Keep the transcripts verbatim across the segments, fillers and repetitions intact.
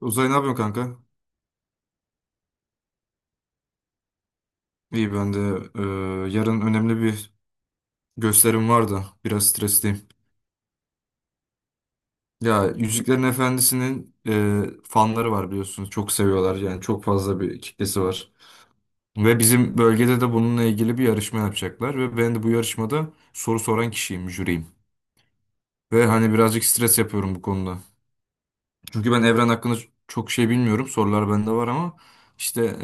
Uzay ne yapıyorsun kanka? İyi ben de, e, yarın önemli bir gösterim var da biraz stresliyim. Ya Yüzüklerin Efendisi'nin e, fanları var, biliyorsunuz. Çok seviyorlar, yani çok fazla bir kitlesi var. Ve bizim bölgede de bununla ilgili bir yarışma yapacaklar. Ve ben de bu yarışmada soru soran kişiyim, jüriyim. Ve hani birazcık stres yapıyorum bu konuda. Çünkü ben evren hakkında çok şey bilmiyorum. Sorular bende var ama işte.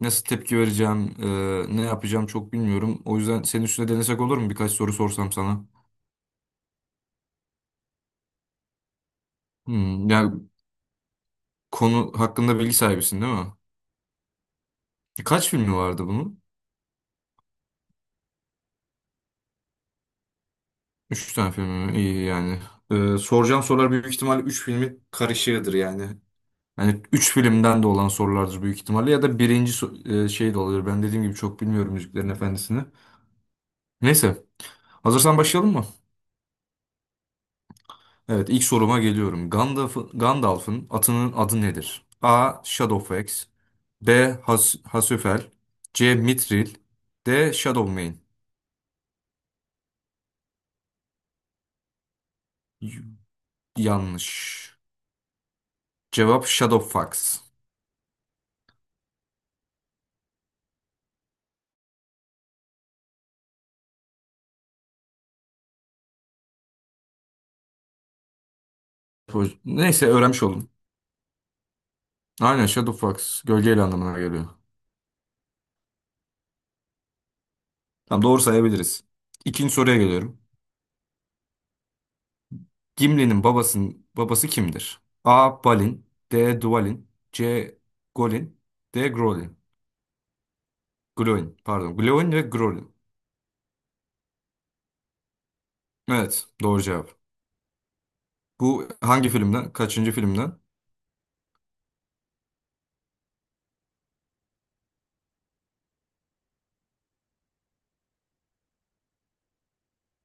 Nasıl tepki vereceğim, e, ne yapacağım çok bilmiyorum. O yüzden senin üstüne denesek olur mu? Birkaç soru sorsam sana. Hmm, ya konu hakkında bilgi sahibisin, değil mi? E, Kaç filmi vardı bunun? Üç tane filmi mi? İyi yani. E, soracağım sorular büyük ihtimalle üç filmi karışığıdır yani. Yani üç filmden de olan sorulardır büyük ihtimalle. Ya da birinci so- e, şey de olabilir. Ben dediğim gibi çok bilmiyorum Yüzüklerin Efendisi'ni. Neyse. Hazırsan başlayalım mı? Evet, ilk soruma geliyorum. Gandalf- Gandalf'ın atının adı nedir? A. Shadowfax, B. Has Hasüfel, C. Mithril, D. Shadowmane. Y- Yanlış. Cevap Shadowfax. Neyse, öğrenmiş oldum. Aynen, Shadowfax gölgeyle anlamına geliyor. Tamam, doğru sayabiliriz. İkinci soruya geliyorum. Gimli'nin babasının babası kimdir? A. Balin, D. Dwalin, C. Golin, D. Grolin. Gloin pardon. Gloin ve Grolin. Evet, doğru cevap. Bu hangi filmden? Kaçıncı filmden?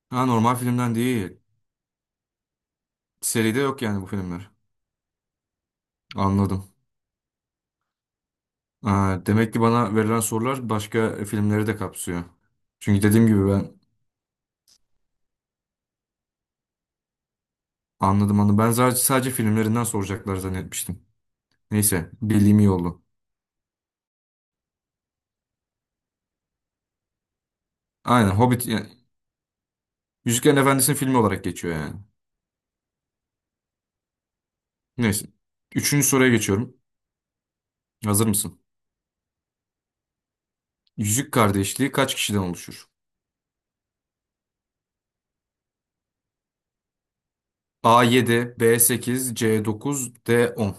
Ha, normal filmden değil. Seride yok yani bu filmler. Anladım. Ha, demek ki bana verilen sorular başka filmleri de kapsıyor. Çünkü dediğim gibi ben anladım anladım. Ben sadece, sadece filmlerinden soracaklar zannetmiştim. Neyse, bildiğim iyi oldu. Aynen Hobbit yani, Yüzüklerin Efendisi'nin filmi olarak geçiyor yani. Neyse. Üçüncü soruya geçiyorum. Hazır mısın? Yüzük Kardeşliği kaç kişiden oluşur? a yedi, b sekiz, c dokuz, d on.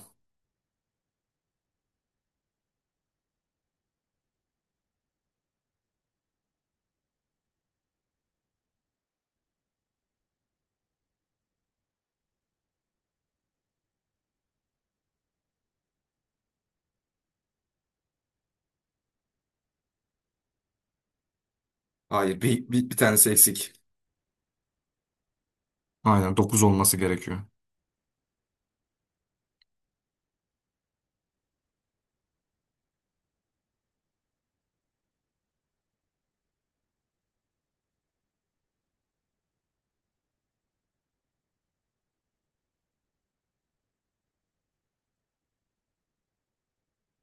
Hayır, bir, bir, bir tanesi eksik. Aynen, dokuz olması gerekiyor.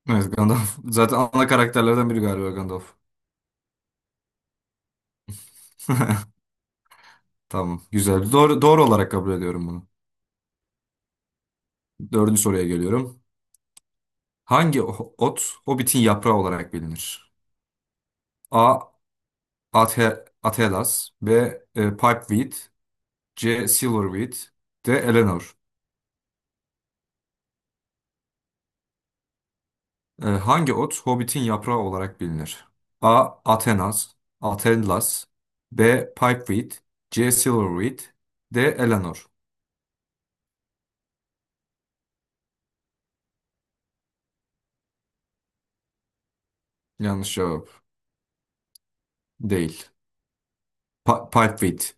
Evet, Gandalf. Zaten ana karakterlerden biri galiba Gandalf. Tamam. Güzel. Doğru, doğru olarak kabul ediyorum bunu. Dördüncü soruya geliyorum. Hangi o- ot Hobbit'in yaprağı olarak bilinir? A. Ate Atelas, B. E, Pipeweed, C. Silverweed, D. Eleanor. E, Hangi ot Hobbit'in yaprağı olarak bilinir? A. Atenas Atelas, B. Pipeweed, C. Silverweed, D. Eleanor. Yanlış cevap. Değil. Pa Pulpfit.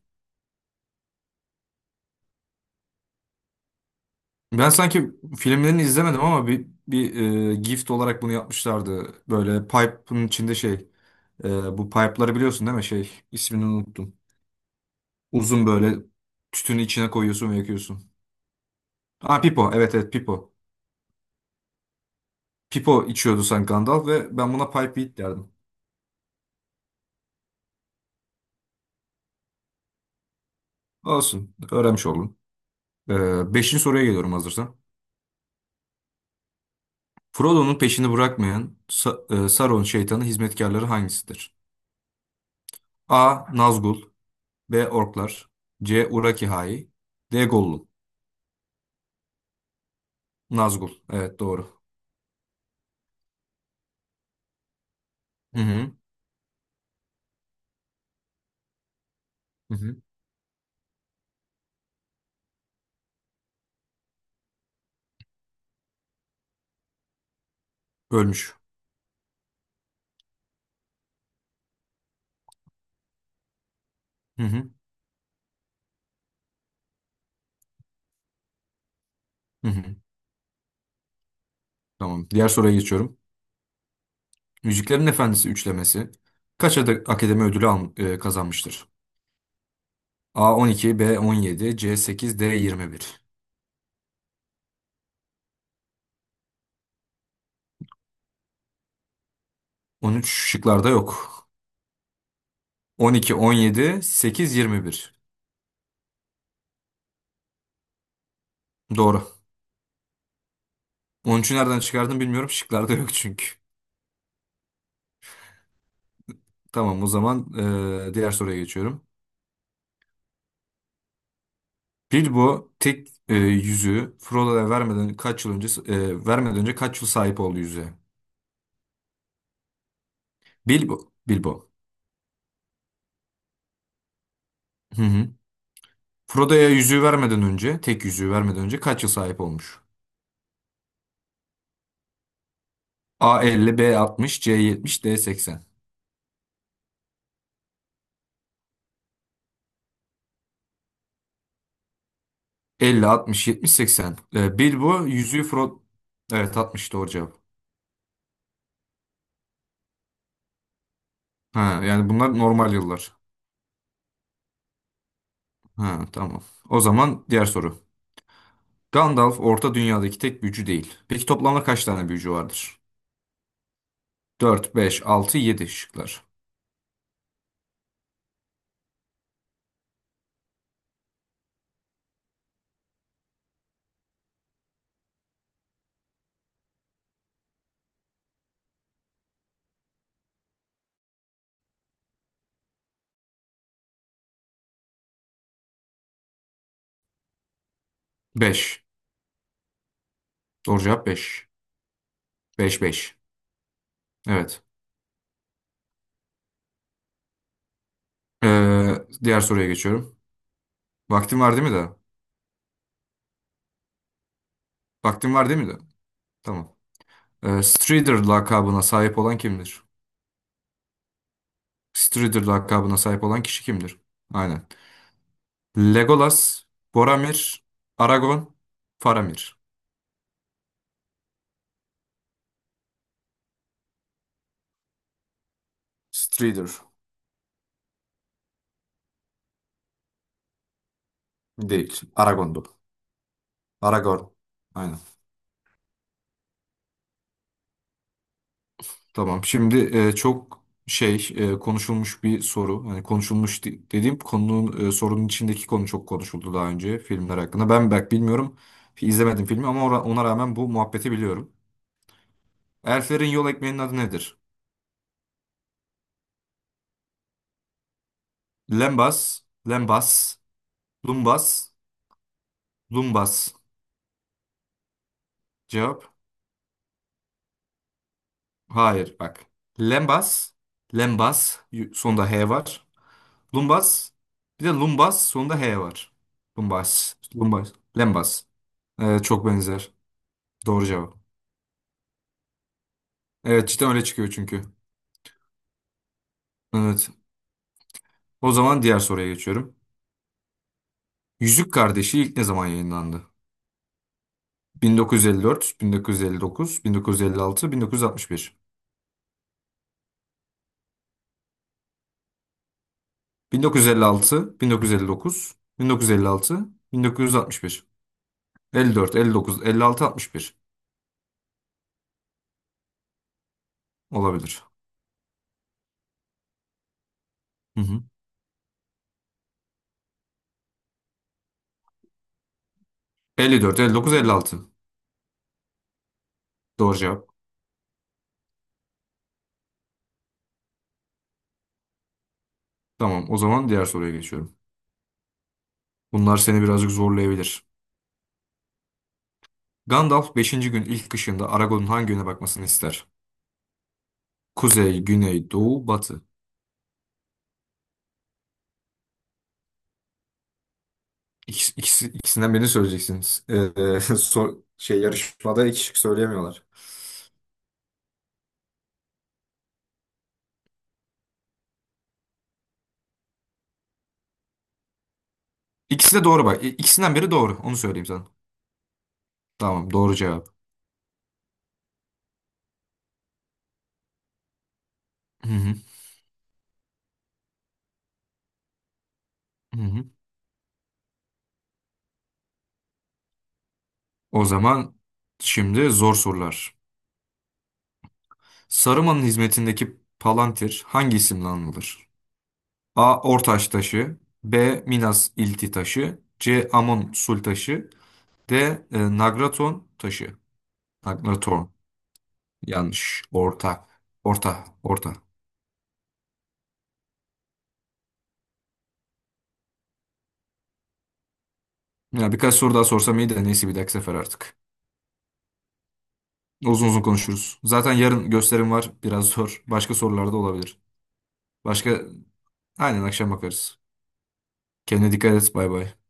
Ben sanki filmlerini izlemedim ama bir bir e, gift olarak bunu yapmışlardı. Böyle pipe'ın içinde şey, e, bu pipe'ları biliyorsun, değil mi? Şey, ismini unuttum. Uzun böyle, tütünü içine koyuyorsun ve yakıyorsun. Ha, Pipo. Evet, evet, Pipo. Pipo içiyordu sanki Gandalf ve ben buna Pipewheat derdim. Olsun. Öğrenmiş oldum. E, beşinci soruya geliyorum hazırsan. Frodo'nun peşini bırakmayan Sa- e, Sauron şeytanı hizmetkarları hangisidir? A. Nazgul, B. Orklar, C. Urakihai, D. Gollum. Nazgul. Evet, doğru. Hı hı. Hı hı. Ölmüş. Hı hı. Hı hı. Tamam. Diğer soruya geçiyorum. Yüzüklerin Efendisi üçlemesi kaç adet akademi ödülü al- e, kazanmıştır? A on iki, B on yedi, C sekiz, D yirmi bir Üç şıklarda yok. on iki, on yedi, sekiz, yirmi bir. Doğru. on üçü nereden çıkardım bilmiyorum. Şıklarda yok çünkü. Tamam, o zaman e, diğer soruya geçiyorum. Bilbo tek e, yüzüğü Frodo'ya vermeden kaç yıl önce, e, vermeden önce kaç yıl sahip oldu yüzüğe? Bilbo Bilbo. Hı hı. Frodo'ya yüzüğü vermeden önce, tek yüzüğü vermeden önce kaç yıl sahip olmuş? A elli, B altmış, C yetmiş, D seksen. Elli, altmış, yetmiş, seksen. E, Bilbo yüzüğü Frodo. Evet, altmış doğru cevap. Ha, yani bunlar normal yıllar. Ha, tamam. O zaman diğer soru. Gandalf Orta Dünya'daki tek büyücü değil. Peki toplamda kaç tane büyücü vardır? Dört, beş, altı, yedi şıklar. Beş. Doğru cevap beş, beş beş. Evet. Ee, Diğer soruya geçiyorum. Vaktim var değil mi de? Vaktim var değil mi de? Tamam. Ee, Strider lakabına sahip olan kimdir? Strider lakabına sahip olan kişi kimdir? Aynen. Legolas, Boromir, Aragon, Faramir. Strider değil. Aragon'du. Aragorn. Aynen. Tamam. Şimdi e, çok şey e, konuşulmuş bir soru. Hani konuşulmuş de- dediğim konunun, e, sorunun içindeki konu çok konuşuldu daha önce filmler hakkında. Ben belki bilmiyorum. İzlemedim filmi ama ora- ona rağmen bu muhabbeti biliyorum. Elflerin yol ekmeğinin adı nedir? Lembas, lembas, lumbas, lumbas. Cevap? Hayır bak. Lembas, lembas, y- sonunda H var. Lumbas, bir de lumbas sonunda H var. Lumbas, lumbas, lembas. E, çok benzer. Doğru cevap. Evet, cidden öyle çıkıyor çünkü. Evet. O zaman diğer soruya geçiyorum. Yüzük Kardeşi ilk ne zaman yayınlandı? bin dokuz yüz elli dört, bin dokuz yüz elli dokuz, bin dokuz yüz elli altı, bin dokuz yüz altmış bir. bin dokuz yüz elli altı, bin dokuz yüz elli dokuz, bin dokuz yüz elli altı, bin dokuz yüz altmış bir. elli dört, elli dokuz, elli altı, altmış bir. Olabilir. Hı hı. elli dört, elli dokuz, elli altı. Doğru cevap. Tamam, o zaman diğer soruya geçiyorum. Bunlar seni birazcık zorlayabilir. Gandalf beşinci gün ilk kışında Aragorn'un hangi yöne bakmasını ister? Kuzey, güney, doğu, batı. İkisi, ikisi- ikisinden birini söyleyeceksiniz. Ee, sor- şey, yarışmada iki şık söyleyemiyorlar. İkisi de doğru bak. İ- İkisinden biri doğru. Onu söyleyeyim sana. Tamam, doğru cevap. Hı hı, hı hı. O zaman şimdi zor sorular. Saruman'ın hizmetindeki Palantir hangi isimle anılır? A. Ortaş taşı, B. Minas İlti taşı, C. Amon Sul taşı, D. e, Nagraton taşı. Nagraton. Yanlış. Orta. Orta. Orta. Ya birkaç soru daha sorsam iyi de neyse, bir dahaki sefer artık. Uzun uzun konuşuruz. Zaten yarın gösterim var. Biraz zor. Başka sorular da olabilir. Başka, aynen, akşam bakarız. Kendine dikkat et. Bay bay.